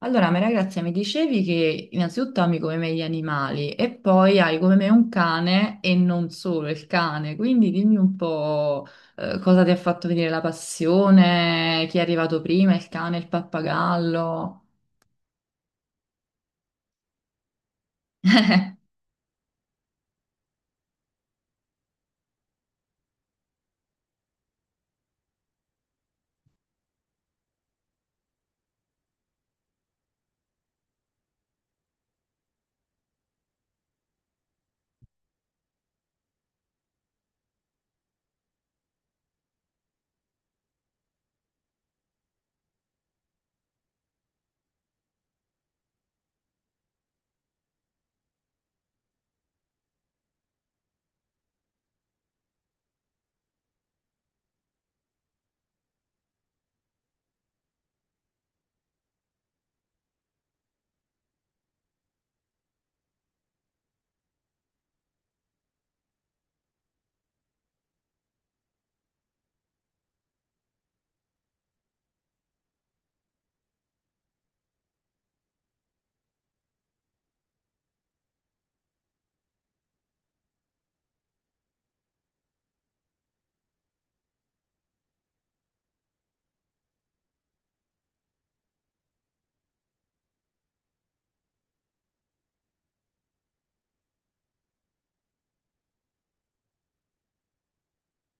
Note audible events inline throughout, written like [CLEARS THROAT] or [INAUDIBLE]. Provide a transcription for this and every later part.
Allora, Maria Grazia, mi dicevi che innanzitutto ami come me gli animali e poi hai come me un cane e non solo il cane, quindi dimmi un po' cosa ti ha fatto venire la passione, chi è arrivato prima, il cane, il pappagallo.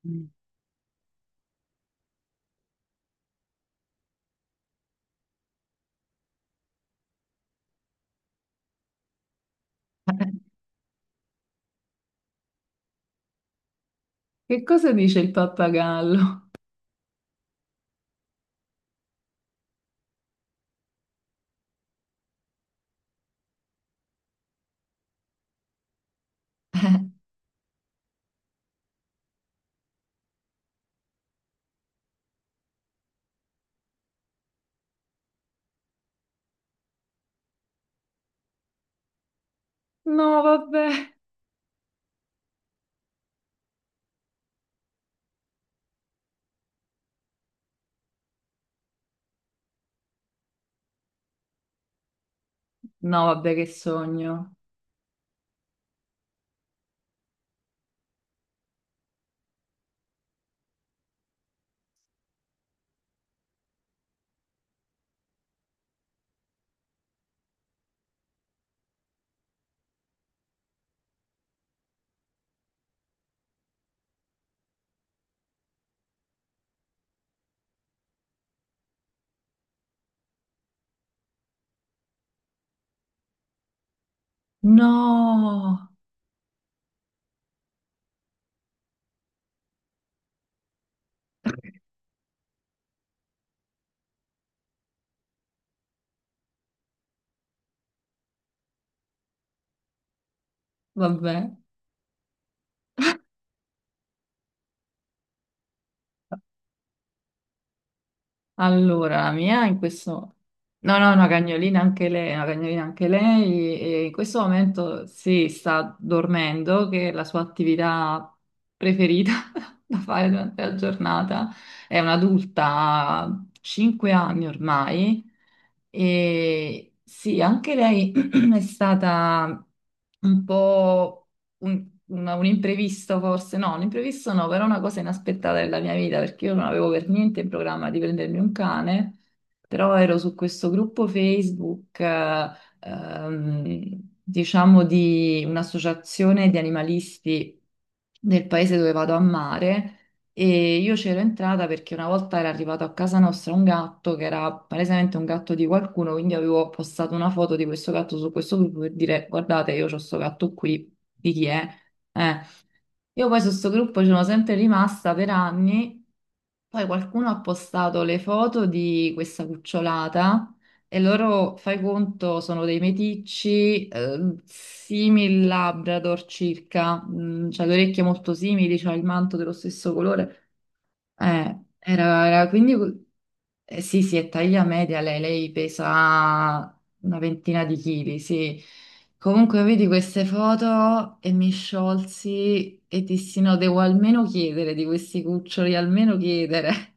Mm. [LAUGHS] Che cosa dice il pappagallo? No, vabbè. No, vabbè, che sogno. No, vabbè. Allora, la mia in questo. No, no, una cagnolina anche lei, una cagnolina anche lei, e in questo momento sì, sta dormendo, che è la sua attività preferita [LAUGHS] da fare durante la giornata. È un'adulta, ha 5 anni ormai, e sì, anche lei [CLEARS THROAT] è stata un po' un imprevisto forse, no, un imprevisto no, però una cosa inaspettata della mia vita, perché io non avevo per niente in programma di prendermi un cane, però ero su questo gruppo Facebook, diciamo di un'associazione di animalisti del paese dove vado a mare. E io c'ero entrata perché una volta era arrivato a casa nostra un gatto che era palesemente un gatto di qualcuno, quindi avevo postato una foto di questo gatto su questo gruppo per dire guardate, io ho questo gatto qui, di chi è? Eh, Io poi su questo gruppo ci sono sempre rimasta per anni, poi qualcuno ha postato le foto di questa cucciolata e loro, fai conto, sono dei meticci simili Labrador circa, c'ha le orecchie molto simili, c'ha il manto dello stesso colore. Quindi sì, sì, è taglia media lei, lei pesa 20, sì. Comunque vedi queste foto e mi sciolsi e dissi no, devo almeno chiedere di questi cuccioli, almeno chiedere.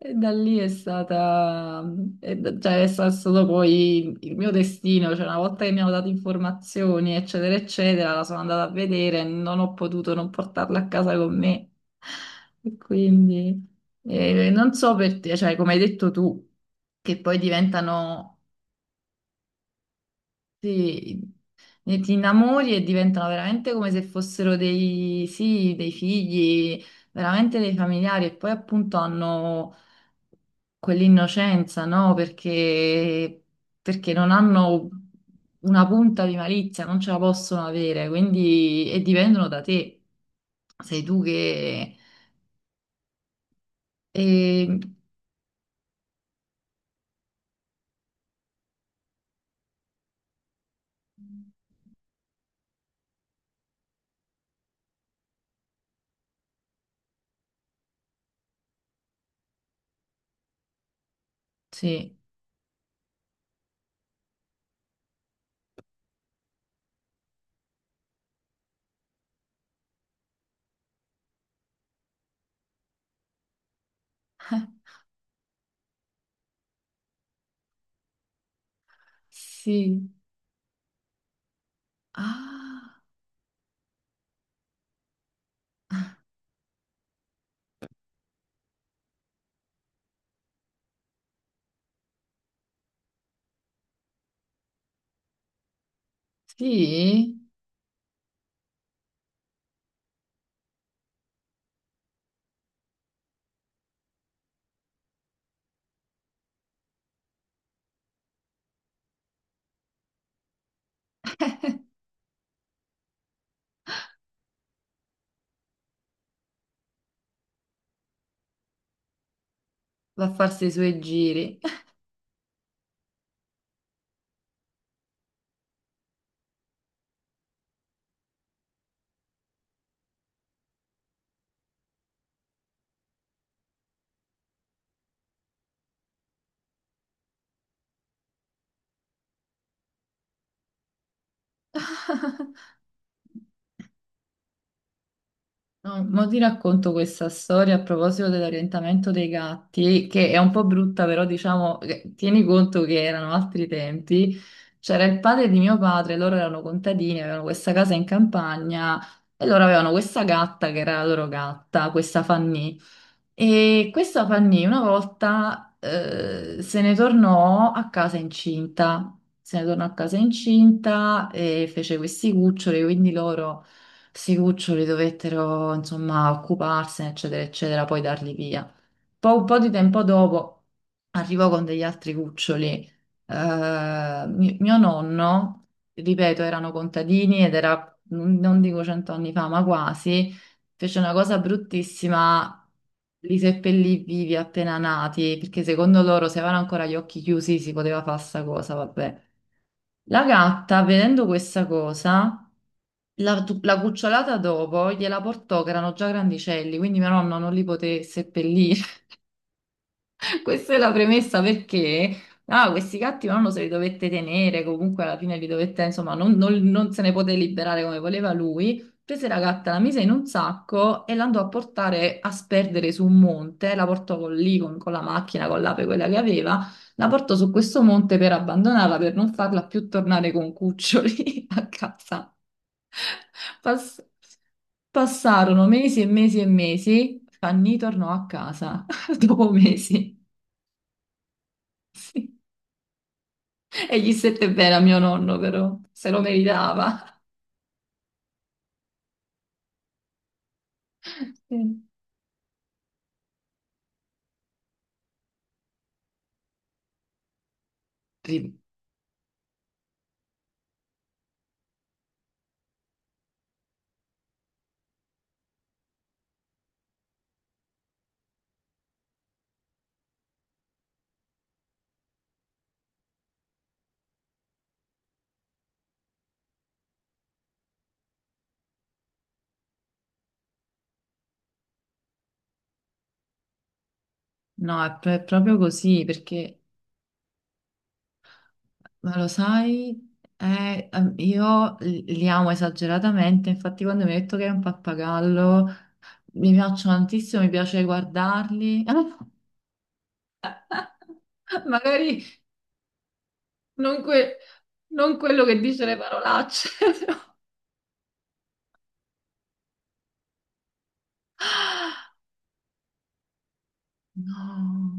E da lì è stata, è stato poi il mio destino, cioè una volta che mi hanno dato informazioni, eccetera, eccetera, la sono andata a vedere e non ho potuto non portarla a casa con me. E quindi non so per te, cioè come hai detto tu, che poi diventano, sì, ti innamori e diventano veramente come se fossero dei, sì, dei figli, veramente dei familiari e poi appunto hanno quell'innocenza, no? Perché non hanno una punta di malizia, non ce la possono avere, quindi e dipendono da te. Sei tu che... e- Sì, sì. Ah, sì? Va a farsi i suoi giri. [LAUGHS] No, mo ti racconto questa storia a proposito dell'orientamento dei gatti, che è un po' brutta, però diciamo, tieni conto che erano altri tempi. C'era il padre di mio padre, loro erano contadini, avevano questa casa in campagna e loro avevano questa gatta che era la loro gatta, questa Fanny. E questa Fanny una volta se ne tornò a casa incinta, se ne tornò a casa incinta e fece questi cuccioli, quindi loro, questi cuccioli dovettero insomma occuparsene, eccetera, eccetera, poi darli via un po' di tempo dopo arrivò con degli altri cuccioli. Mio nonno, ripeto, erano contadini ed era, non dico 100 fa, ma quasi, fece una cosa bruttissima. Li seppellì vivi appena nati, perché secondo loro se avevano ancora gli occhi chiusi si poteva fare sta cosa, vabbè. La gatta, vedendo questa cosa, la cucciolata dopo gliela portò, che erano già grandicelli, quindi mio nonno non li poté seppellire. [LAUGHS] Questa è la premessa perché questi gatti nonno se li dovette tenere, comunque alla fine li dovette, insomma, non se ne poté liberare come voleva lui. Prese la gatta, la mise in un sacco e l'andò a portare a sperdere su un monte, la portò con la macchina, con l'ape, quella che aveva, la portò su questo monte per abbandonarla, per non farla più tornare con cuccioli [LAUGHS] a casa. Pass- passarono mesi e mesi e mesi, Fanny tornò a casa [LAUGHS] dopo mesi. Sì. E gli stette bene a mio nonno, però, se lo meritava. Sì. Ri- No, è proprio così perché, ma lo sai, io li amo esageratamente, infatti quando mi hai detto che è un pappagallo, mi piacciono tantissimo, mi piace guardarli. [LAUGHS] Magari non, que- non quello che dice le parolacce, [LAUGHS] però. No.